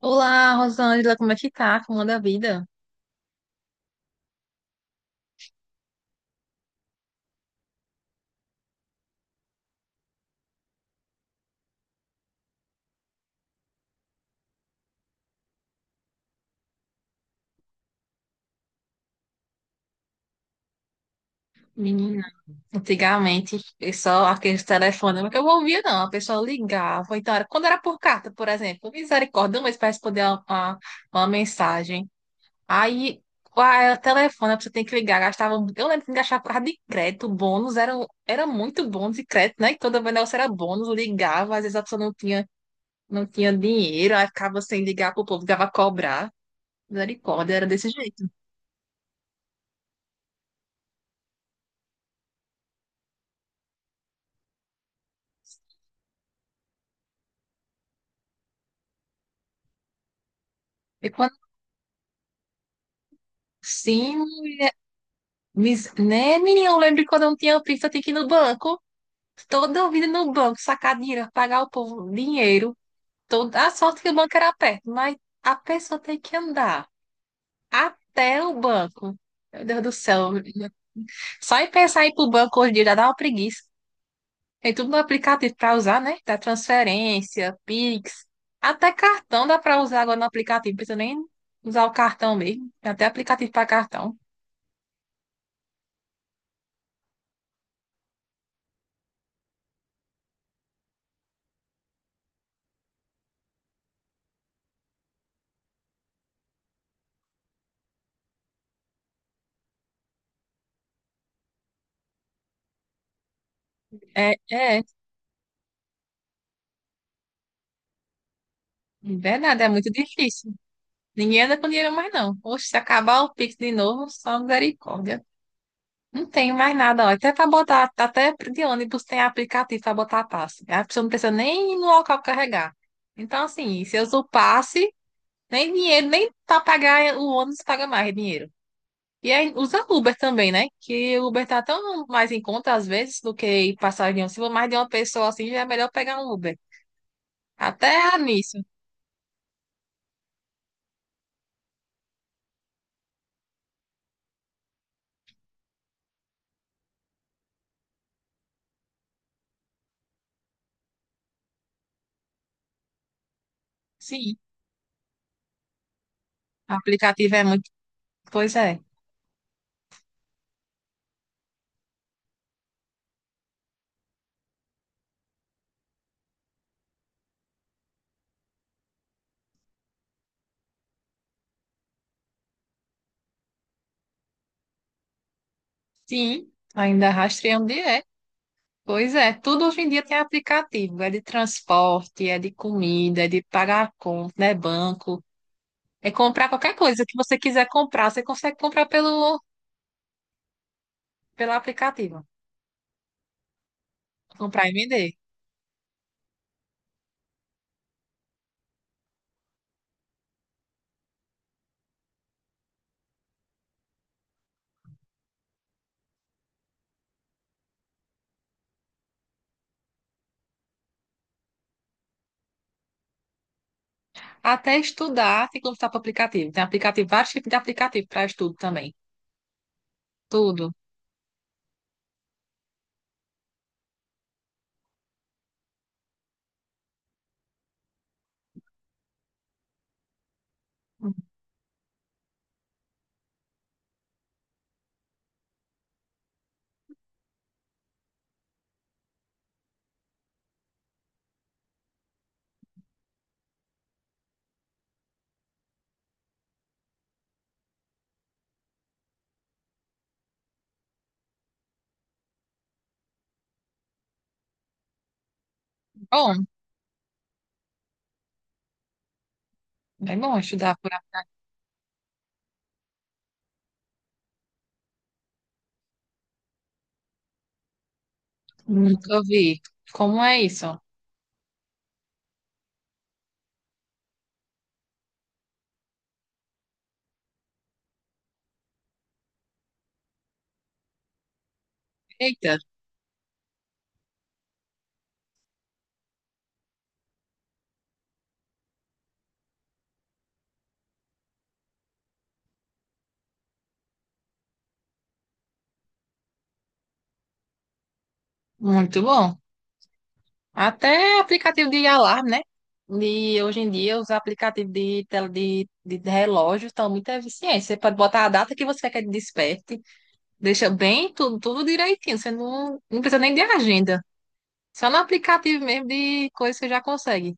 Olá, Rosângela, como é que tá? Como anda a vida? Menina, antigamente, eu só aqueles telefones que eu não ouvia, não. A pessoa ligava. Então, era, quando era por carta, por exemplo, misericórdia, um mês para responder uma, mensagem. Aí, o telefone, você tem que ligar. Gastava, eu lembro que gastava por causa de crédito, bônus, era muito bônus de crédito, né? E toda vez o negócio era bônus, ligava, às vezes a pessoa não tinha dinheiro, aí ficava sem ligar pro povo, ligava a cobrar. Misericórdia, era desse jeito. E quando sim, né, menina? Eu lembro quando eu não tinha pizza, eu tinha que ir no banco. Toda vida no banco, sacar dinheiro, pagar o povo dinheiro. Toda a sorte que o banco era perto, mas a pessoa tem que andar até o banco. Meu Deus do céu. Só em pensar em ir pro banco hoje em dia já dá uma preguiça. Tem tudo no aplicativo para usar, né? Da transferência, Pix, até cartão dá para usar agora no aplicativo. Não precisa nem usar o cartão mesmo. Tem até aplicativo para cartão. É verdade, é muito difícil. Ninguém anda com dinheiro mais, não. Poxa, se acabar o Pix de novo, só misericórdia. Não tenho mais nada, ó. Até para botar, até de ônibus tem aplicativo para botar passe. A pessoa não precisa nem ir no local carregar. Então, assim, se eu uso o passe, nem dinheiro, nem para pagar o ônibus paga mais dinheiro. E aí usa Uber também, né? Que o Uber tá tão mais em conta às vezes do que ir passar avião. Se for mais de uma pessoa assim, já é melhor pegar um Uber. Até nisso. Sim, aplicativo é muito. Pois é. Sim, ainda rastreando direto. Pois é, tudo hoje em dia tem aplicativo, é de transporte, é de comida, é de pagar a conta, é banco, é comprar qualquer coisa que você quiser comprar, você consegue comprar pelo aplicativo, comprar e vender. Até estudar tem que comprar para aplicativo, tem aplicativo, vários tipos de aplicativo para estudo também, tudo. Bom, é bom estudar por aplicativo, nunca vi. Como é isso? Eita, muito bom. Até aplicativo de alarme, né? Hoje em dia, os aplicativos de relógio estão muito eficientes. Você pode botar a data que você quer que ele desperte, deixa bem tudo, tudo direitinho. Você não precisa nem de agenda. Só no aplicativo mesmo de coisa você já consegue.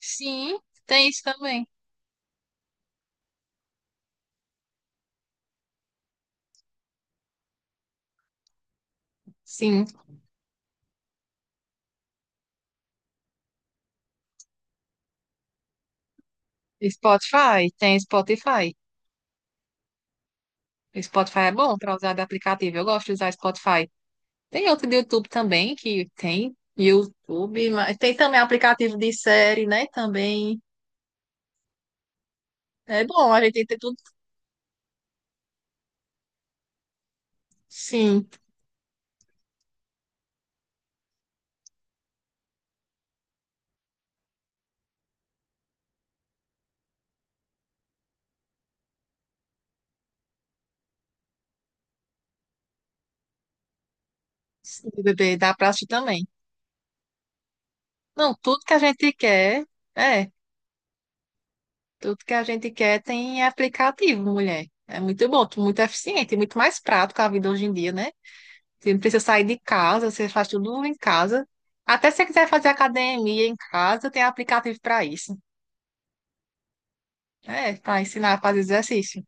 Sim, tem isso também. Sim, Spotify, tem Spotify. O Spotify é bom para usar de aplicativo. Eu gosto de usar Spotify. Tem outro do YouTube também que tem YouTube, mas tem também aplicativo de série, né? Também é bom, a gente tem que ter tudo. Sim, sim, bebê, dá pra assistir também. Não, tudo que a gente quer, é, tudo que a gente quer tem aplicativo, mulher. É muito bom, muito eficiente, muito mais prático a vida hoje em dia, né? Você não precisa sair de casa, você faz tudo em casa. Até se você quiser fazer academia em casa, tem aplicativo para isso. É, para ensinar a fazer exercício.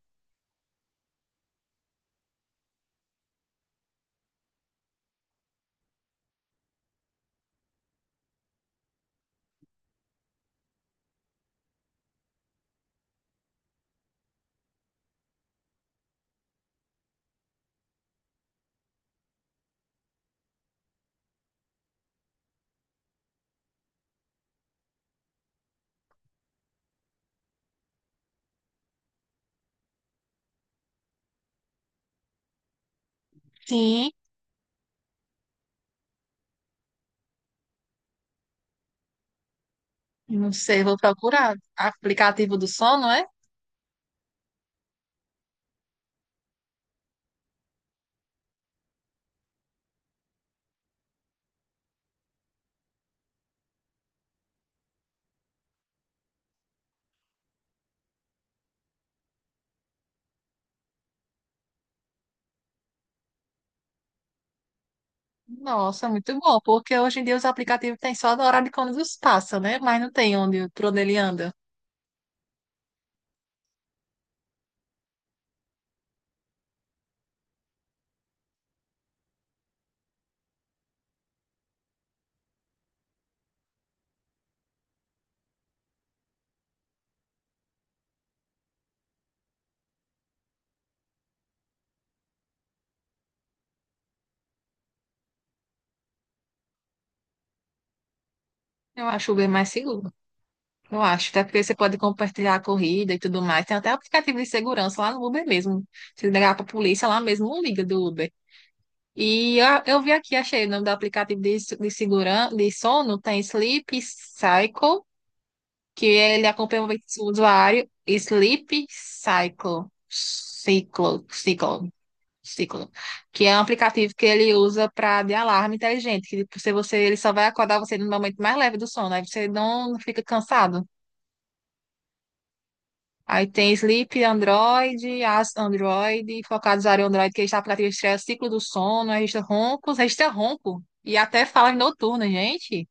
Sim. Não sei, vou procurar. Aplicativo do sono, é? Nossa, muito bom, porque hoje em dia os aplicativos têm só do horário de quando os passa, né? Mas não tem onde, por onde ele anda. Eu acho o Uber mais seguro. Eu acho, até porque você pode compartilhar a corrida e tudo mais. Tem até aplicativo de segurança lá no Uber mesmo. Se ligar pra polícia, lá mesmo não liga do Uber. E eu vi aqui, achei o nome do aplicativo de segurança, de sono, tem Sleep Cycle que ele acompanha o movimento do usuário Sleep Cycle, Ciclo, que é um aplicativo que ele usa para de alarme inteligente, que tipo, se você ele só vai acordar você no momento mais leve do sono, aí você não fica cansado. Aí tem Sleep Android, As Android, focado no usuário Android, que está aplicativo estreia ciclo do sono, registra roncos, registra ronco e até falas noturnas, gente.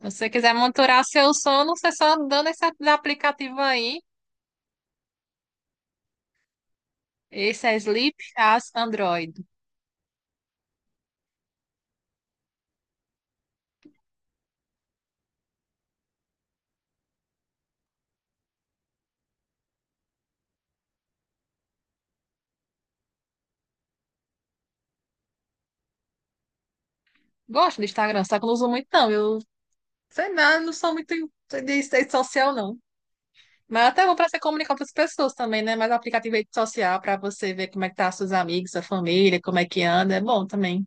Se você quiser monitorar seu sono, você só dando esse aplicativo aí. Esse é Sleep as Android. Gosto do Instagram, só que eu não uso muito, não. Eu sei lá, não sou muito de rede social, não. Mas é até bom para você comunicar com as pessoas também, né? Mas o aplicativo de rede social para você ver como é que tá seus amigos, sua família, como é que anda, é bom também.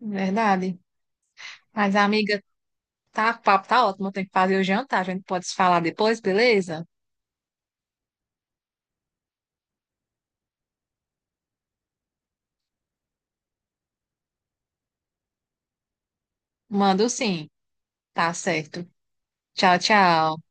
Verdade. Mas, amiga, tá, o papo tá ótimo. Eu tenho que fazer o jantar. A gente pode se falar depois, beleza? Mando sim. Tá certo. Tchau, tchau.